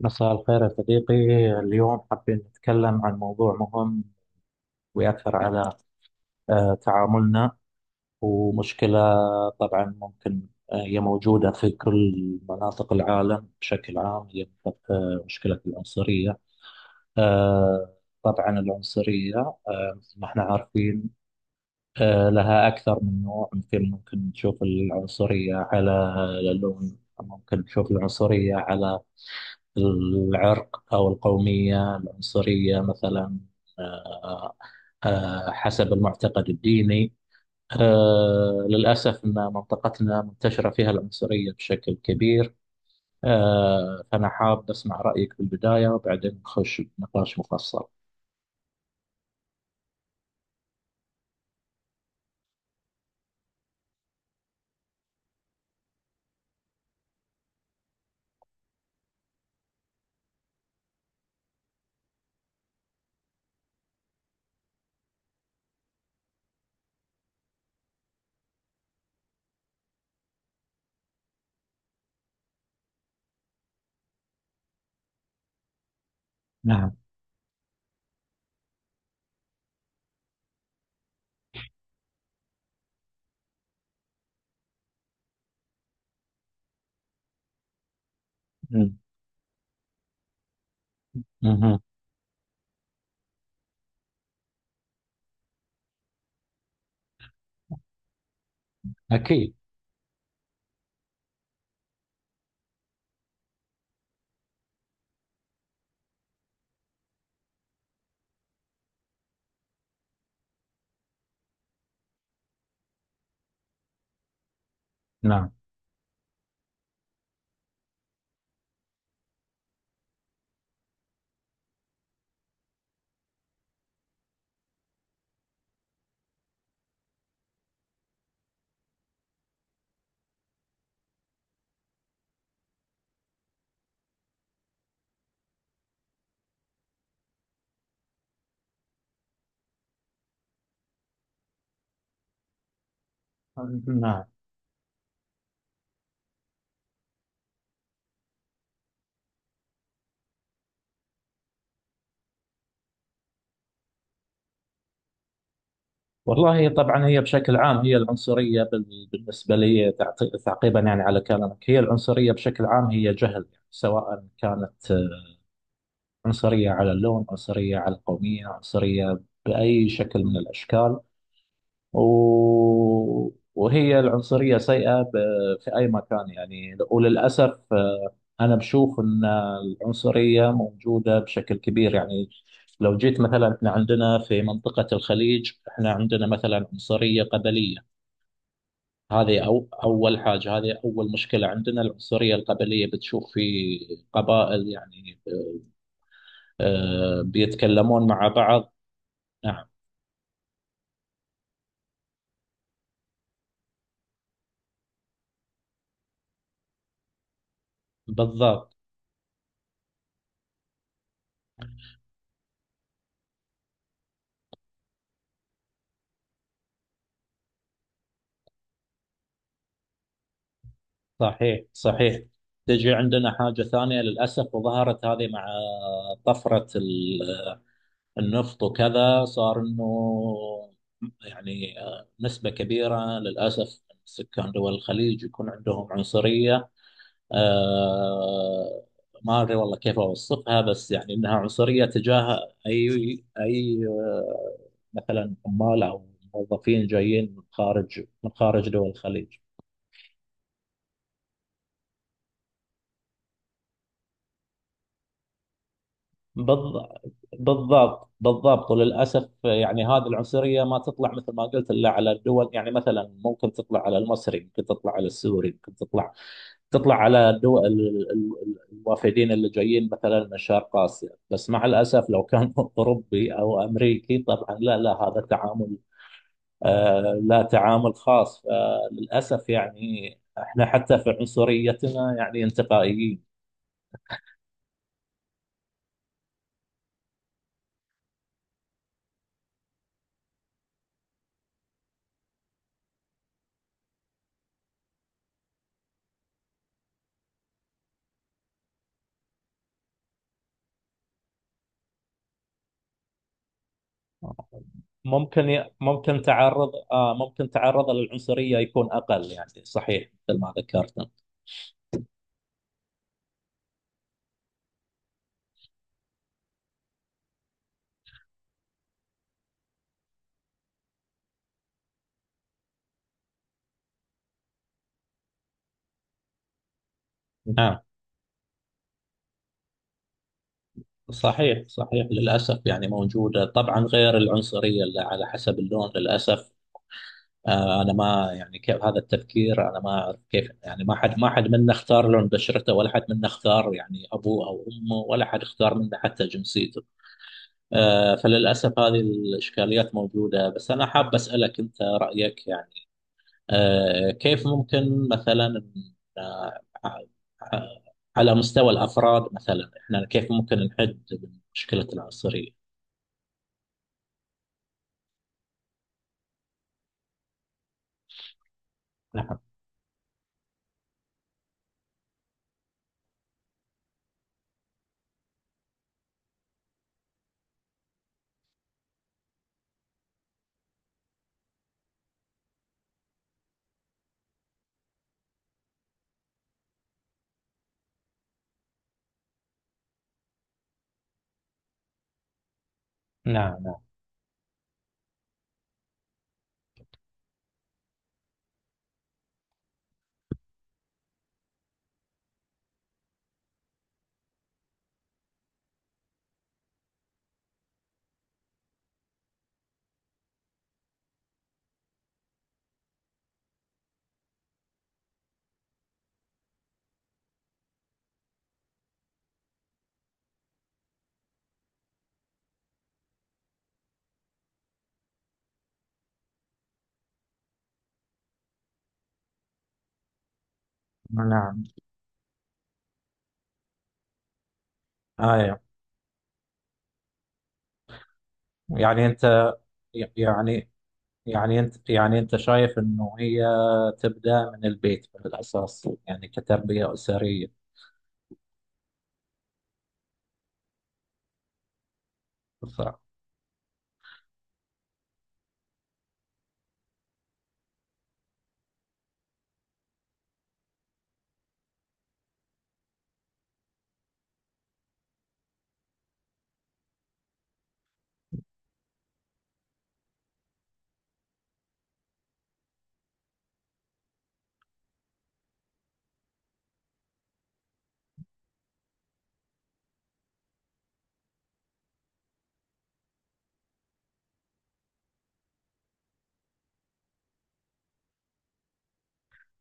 مساء الخير يا صديقي. اليوم حابين نتكلم عن موضوع مهم ويأثر على تعاملنا ومشكلة. طبعا ممكن هي موجودة في كل مناطق العالم بشكل عام. هي مشكلة العنصرية. آه، طبعا العنصرية مثل ما احنا عارفين لها أكثر من نوع. مثل ممكن نشوف العنصرية على اللون، ممكن نشوف العنصرية على العرق أو القومية، العنصرية مثلا آه، حسب المعتقد الديني. للأسف أن منطقتنا منتشرة فيها العنصرية بشكل كبير. فأنا حاب أسمع رأيك في البداية وبعدين نخش بنقاش مفصل. نعم. مم. مهم. أكيد. نعم، نعم. والله طبعا، هي بشكل عام، هي العنصرية بالنسبة لي تعقيبا يعني على كلامك، هي العنصرية بشكل عام هي جهل يعني، سواء كانت عنصرية على اللون، عنصرية على القومية، عنصرية بأي شكل من الأشكال. وهي العنصرية سيئة في أي مكان يعني. وللأسف أنا بشوف أن العنصرية موجودة بشكل كبير يعني. لو جيت مثلا، احنا عندنا في منطقة الخليج، احنا عندنا مثلا عنصرية قبلية. هذه أو أول حاجة، هذه أول مشكلة عندنا، العنصرية القبلية. بتشوف في قبائل يعني بيتكلمون مع بعض. نعم. بالضبط. صحيح، صحيح. تجي عندنا حاجة ثانية للأسف، وظهرت هذه مع طفرة النفط وكذا. صار إنه يعني نسبة كبيرة للأسف من سكان دول الخليج يكون عندهم عنصرية. آه ما ادري والله كيف اوصفها، بس يعني انها عنصريه تجاه اي اي آه، مثلا عمال او موظفين جايين من خارج دول الخليج. بالض- بالضبط، بالضبط. وللاسف يعني، هذه العنصريه ما تطلع مثل ما قلت الا على الدول يعني. مثلا ممكن تطلع على المصري، ممكن تطلع على السوري، ممكن تطلع على الدول الوافدين اللي جايين مثلا من شرق اسيا. بس مع الاسف لو كان اوروبي او امريكي، طبعا لا، لا، هذا تعامل لا، تعامل خاص. فللاسف يعني احنا حتى في عنصريتنا يعني انتقائيين. ممكن ي- ممكن تعرض آه ممكن تعرض للعنصرية يكون أقل يعني. صحيح مثل ما ذكرت. نعم. صحيح، صحيح. للأسف يعني موجودة طبعا، غير العنصرية اللي على حسب اللون للأسف. انا ما يعني، كيف هذا التفكير، انا ما اعرف كيف يعني. ما حد منا اختار لون بشرته، ولا حد منا اختار يعني ابوه او امه، ولا حد اختار منا حتى جنسيته. فللاسف هذه الاشكاليات موجوده. بس انا حاب اسالك انت رايك يعني، كيف ممكن مثلا، آه، آه، على مستوى الافراد مثلا، احنا كيف ممكن نحد من مشكله العنصريه؟ نعم، نعم، نعم، نعم. آه يعني أنت يعني، يعني انت شايف انه هي تبدا من البيت من الاساس يعني، كتربيه اسريه. ف-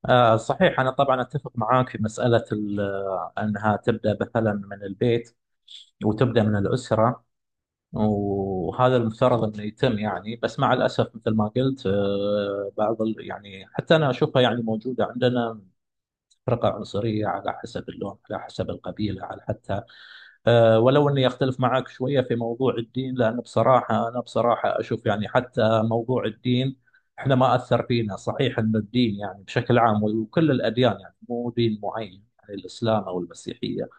صحيح. انا طبعا اتفق معاك في مساله انها تبدا مثلا من البيت، وتبدا من الاسره، وهذا المفترض انه يتم يعني. بس مع الاسف مثل ما قلت بعض يعني حتى انا اشوفها يعني موجوده عندنا، فرقه عنصريه على حسب اللون، على حسب القبيله، على حتى ولو اني اختلف معك شويه في موضوع الدين، لان بصراحه انا بصراحه اشوف يعني حتى موضوع الدين، احنا ما اثر فينا. صحيح ان الدين يعني بشكل عام وكل الاديان يعني، مو دين معين يعني الاسلام او المسيحيه.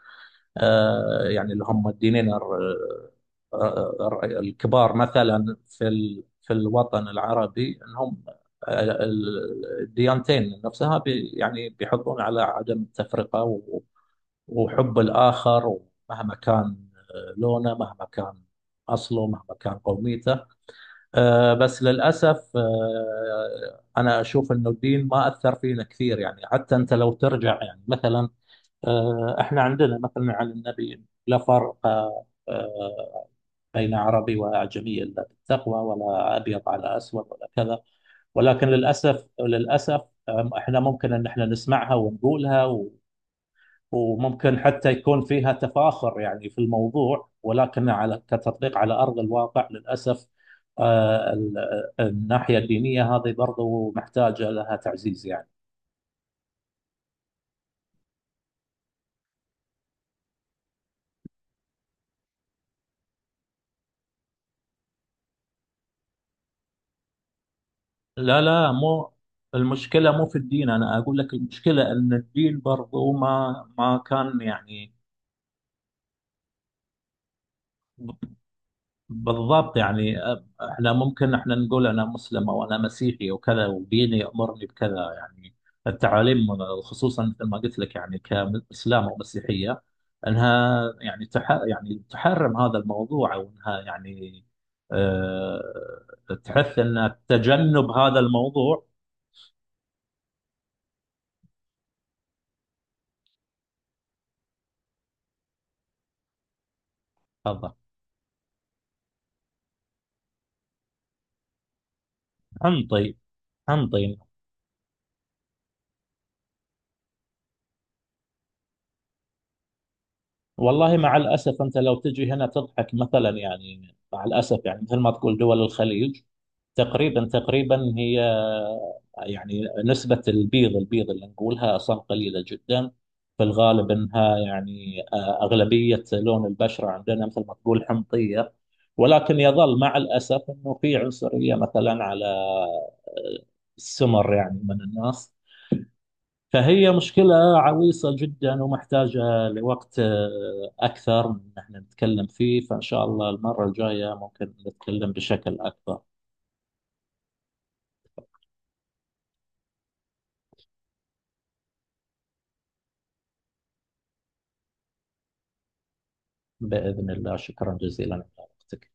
يعني اللي هم الدينين الكبار مثلا في في الوطن العربي، انهم الديانتين نفسها يعني بيحطون على عدم التفرقه وحب الآخر، مهما كان لونه، مهما كان أصله، مهما كان قوميته. بس للأسف أنا أشوف أنه الدين ما أثر فينا كثير يعني. حتى أنت لو ترجع يعني مثلا، إحنا عندنا مثلا عن النبي: لا فرق بين عربي وأعجمي إلا بالتقوى، ولا أبيض على أسود، ولا كذا. ولكن للأسف، للأسف، إحنا ممكن أن إحنا نسمعها ونقولها، وممكن حتى يكون فيها تفاخر يعني في الموضوع، ولكن على كتطبيق على أرض الواقع للأسف آه، ال- الناحية الدينية هذه برضو محتاجة لها تعزيز يعني. لا، لا، مو المشكلة، مو في الدين. أنا أقول لك المشكلة أن الدين برضو ما كان يعني. بالضبط يعني. احنا ممكن احنا نقول انا مسلم او انا مسيحي وكذا، وديني يامرني بكذا يعني. التعاليم، خصوصا مثل ما قلت لك يعني كاسلام او مسيحيه، انها يعني تح يعني تحرم هذا الموضوع، او انها يعني تحث ان تجنب هذا الموضوع. هذا حنطي. حنطي. والله مع الأسف، أنت لو تجي هنا تضحك مثلا يعني. مع الأسف يعني مثل ما تقول، دول الخليج تقريبا تقريبا هي يعني، نسبة البيض، البيض اللي نقولها أصلا قليلة جدا. في الغالب أنها يعني أغلبية لون البشرة عندنا مثل ما تقول حمضية. ولكن يظل مع الأسف أنه في عنصرية مثلا على السمر يعني من الناس. فهي مشكلة عويصة جدا، ومحتاجة لوقت أكثر من إن احنا نتكلم فيه. فإن شاء الله المرة الجاية ممكن نتكلم بشكل أكبر. بإذن الله، شكرا جزيلا على وقتك.